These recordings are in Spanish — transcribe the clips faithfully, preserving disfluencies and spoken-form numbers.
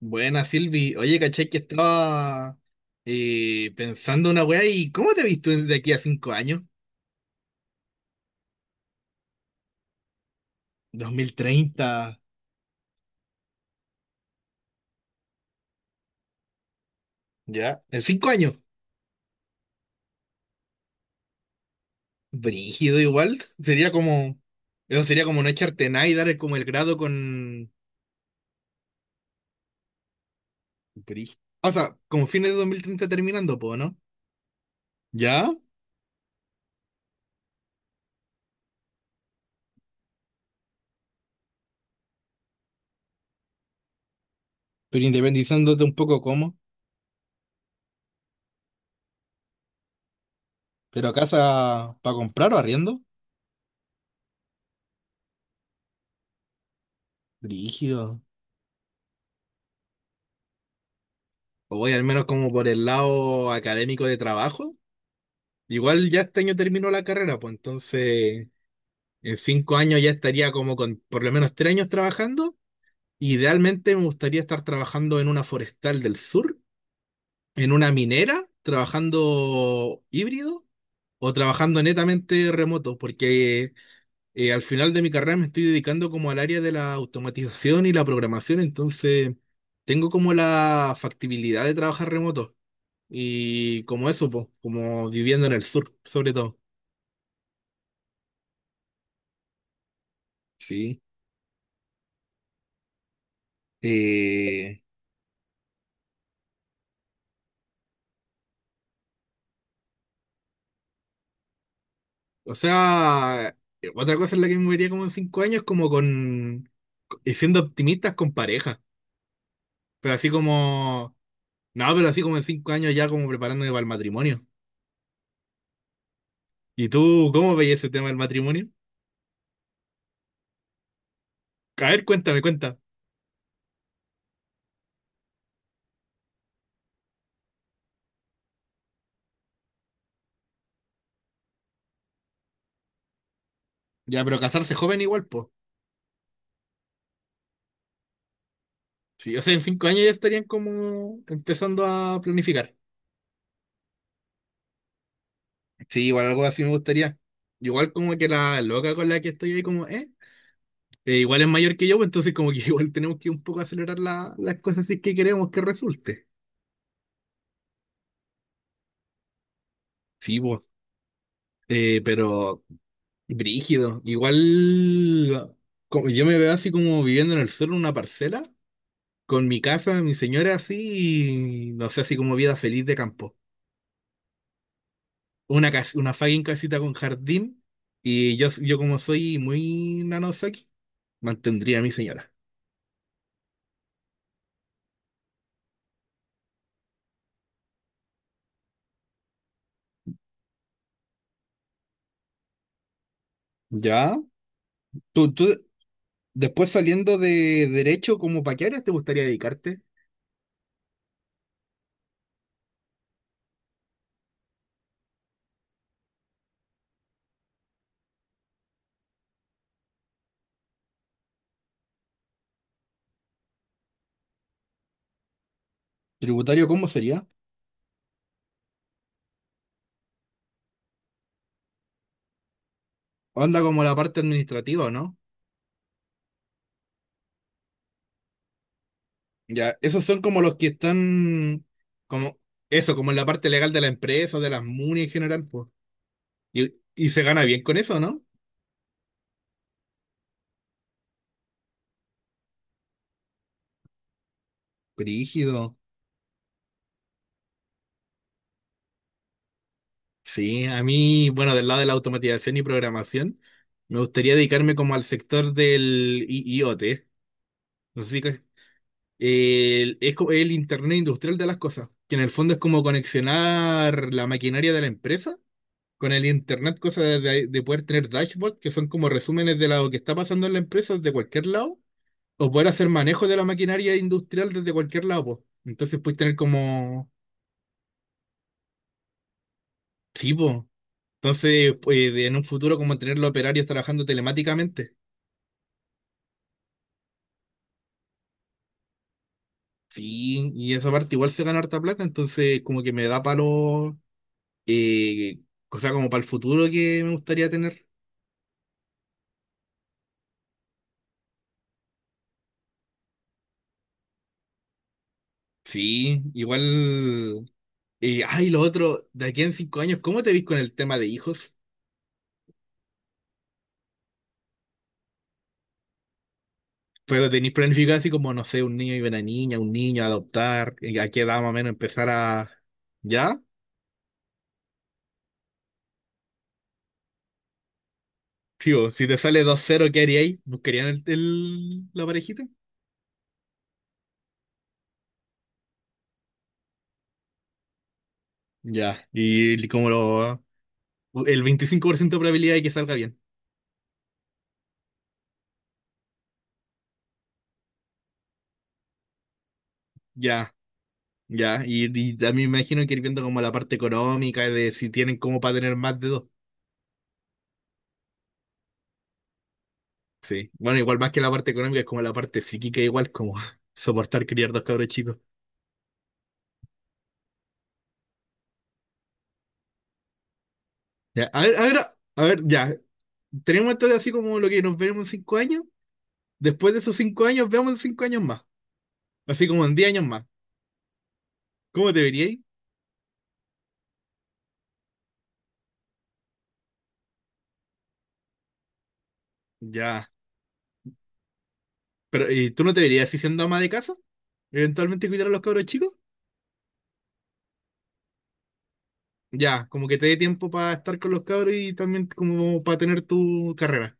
Buena, Silvi. Oye, caché que estaba eh, pensando una weá. ¿Y cómo te has visto de aquí a cinco años? Dos mil treinta, ya. En cinco años. Brígido igual. Sería como. Eso sería como no echarte nada y dar como el grado con. brí- O sea, como fines de dos mil treinta terminando, po, ¿no? Ya. Pero independizándote un poco, ¿cómo? ¿Pero casa para comprar o arriendo? Brígido. O voy al menos como por el lado académico de trabajo. Igual ya este año terminó la carrera, pues entonces en cinco años ya estaría como con por lo menos tres años trabajando. Idealmente me gustaría estar trabajando en una forestal del sur, en una minera, trabajando híbrido o trabajando netamente remoto, porque eh, al final de mi carrera me estoy dedicando como al área de la automatización y la programación, entonces tengo como la factibilidad de trabajar remoto, y como eso, pues, como viviendo en el sur, sobre todo. Sí. Eh, o sea, eh, otra cosa en la que me moriría como en cinco años, como con, y siendo optimistas, con pareja. Pero así como, no, pero así como en cinco años ya como preparándome para el matrimonio. ¿Y tú cómo veías ese tema del matrimonio? A ver, cuéntame, cuenta. Ya, pero casarse joven igual, pues. Sí, o sea, en cinco años ya estarían como empezando a planificar. Sí, igual algo así me gustaría. Igual como que la loca con la que estoy ahí como, ¿eh? eh, igual es mayor que yo, pues entonces como que igual tenemos que un poco acelerar la- las cosas si es que queremos que resulte. Sí, pues. Eh, pero brígido. Igual como, yo me veo así como viviendo en el sur en una parcela, con mi casa, mi señora así, y no sé, así como vida feliz de campo. Una, cas- una fucking casita con jardín, y yo, yo, como soy muy nanosaki, mantendría a mi señora. ¿Ya? ¿Tú, tú, después saliendo de derecho, ¿como para qué áreas te gustaría dedicarte? ¿Tributario cómo sería? Anda como la parte administrativa, ¿o no? Ya, esos son como los que están, como, eso, como en la parte legal de la empresa, de las MUNI en general, pues. Y, y se gana bien con eso, ¿no? Brígido. Sí, a mí, bueno, del lado de la automatización y programación, me gustaría dedicarme como al sector del I- IoT. No sé si co- el, es co- el Internet Industrial de las cosas, que en el fondo es como conexionar la maquinaria de la empresa con el internet, cosa de, de poder tener dashboards, que son como resúmenes de lo que está pasando en la empresa de cualquier lado, o poder hacer manejo de la maquinaria industrial desde cualquier lado, po. Entonces puedes tener como, sí, po. Entonces, pues, en un futuro, como tener los operarios trabajando telemáticamente. Sí, y esa parte igual se gana harta plata, entonces como que me da palo, eh, cosa como para el futuro que me gustaría tener. Sí, igual, eh, ay, lo otro, de aquí en cinco años, ¿cómo te ves con el tema de hijos? Pero tenéis planificado así como, no sé, un niño y una niña, un niño, adoptar, eh, ¿a qué edad más o menos empezar a...? ¿Ya? Tío, si te sale dos cero, ¿qué haríais? ¿Buscarían el, el- la parejita? Ya, y como lo... El veinticinco por ciento de probabilidad de que salga bien. Ya, ya, y, y también me imagino que ir viendo como la parte económica, de si tienen como para tener más de dos. Sí, bueno, igual más que la parte económica, es como la parte psíquica, igual como soportar criar dos cabros chicos. Ya, a ver, a ver, a ver, ya, tenemos esto de así como lo que nos veremos en cinco años. Después de esos cinco años, veamos en cinco años más. Así como en diez años más. ¿Cómo te veríais? Ya. Pero, ¿y tú no te verías así siendo ama de casa? ¿Eventualmente cuidar a los cabros chicos? Ya, como que te dé tiempo para estar con los cabros, y también como para tener tu carrera.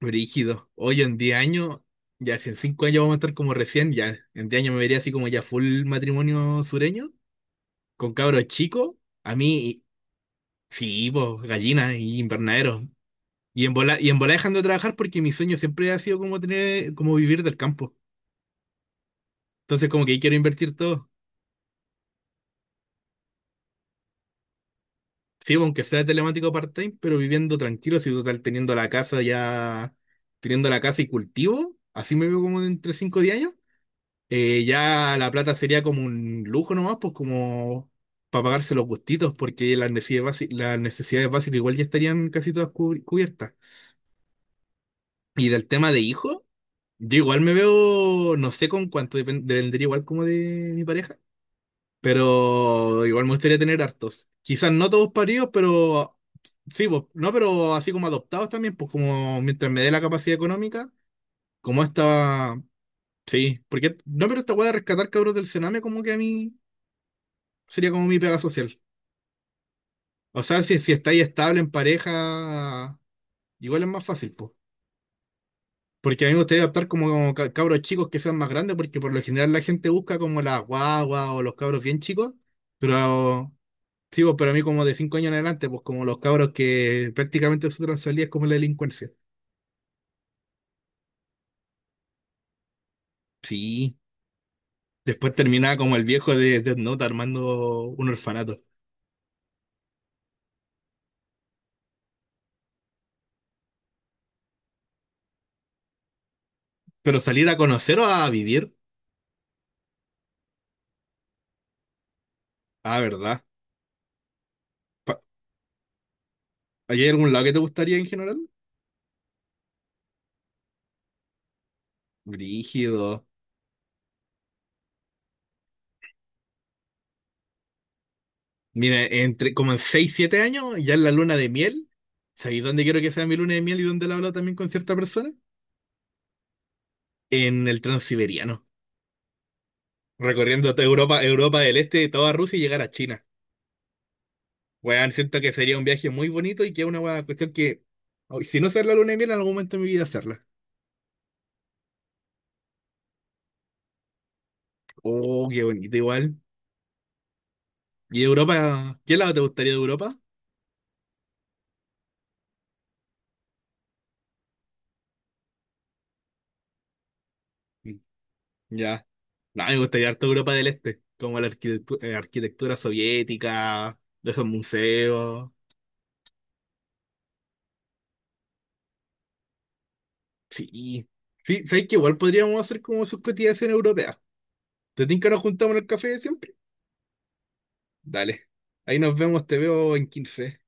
Brígido. oye, en diez años, ya, si en cinco años vamos a estar como recién, ya en diez años me vería así como ya full matrimonio sureño, con cabros chicos. A mí, sí, pues gallinas y invernaderos. Y en bola, y en bola, dejando de trabajar, porque mi sueño siempre ha sido como tener, como vivir del campo. Entonces como que ahí quiero invertir todo. Sí, pues, aunque sea telemático part-time, pero viviendo tranquilo, si total teniendo la casa ya, teniendo la casa y cultivo, así me veo como entre cinco o diez años. eh, ya la plata sería como un lujo nomás, pues como para pagarse los gustitos, porque las necesidades, basi- las necesidades básicas igual ya estarían casi todas cubri- cubiertas. Y del tema de hijo, yo igual me veo, no sé con cuánto, depen- dependería igual como de mi pareja. Pero igual me gustaría tener hartos. Quizás no todos paridos, pero sí, pues, no, pero así como adoptados también, pues como mientras me dé la capacidad económica, como esta, sí, porque no, pero esta weá de rescatar cabros del Sename como que a mí sería como mi pega social. O sea, si, si estáis estable en pareja, igual es más fácil, pues. Porque a mí me gustaría adoptar como, como ca- cabros chicos que sean más grandes, porque por lo general la gente busca como la guagua o los cabros bien chicos, pero... Sí, pues, pero a mí como de cinco años en adelante, pues como los cabros que prácticamente su salía es como la delincuencia. Sí. Después terminaba como el viejo de Death Note armando un orfanato. ¿Pero salir a conocer o a vivir? Ah, ¿verdad? Pa- ¿Hay algún lado que te gustaría en general? Brígido. Mira, entre como en seis siete años, ya en la luna de miel. ¿Sabéis dónde quiero que sea mi luna de miel, y dónde la hablo también con cierta persona? En el Transiberiano. Recorriendo toda Europa, Europa del Este, toda Rusia, y llegar a China. Weón, siento que sería un viaje muy bonito, y que es una weá, cuestión que, oh, si no hacer la luna de miel, en algún momento de mi vida hacerla. Oh, qué bonito igual. ¿Y Europa? ¿Qué lado te gustaría de Europa? Mm. Ya. No, me gustaría harto Europa del Este, como la arquitectu- eh, arquitectura soviética, de esos museos. Sí. Sí, ¿sabes qué? Igual podríamos hacer como sus cotizaciones europeas. ¿Te tinca nos juntamos en el café de siempre? Dale. Ahí nos vemos, te veo en quince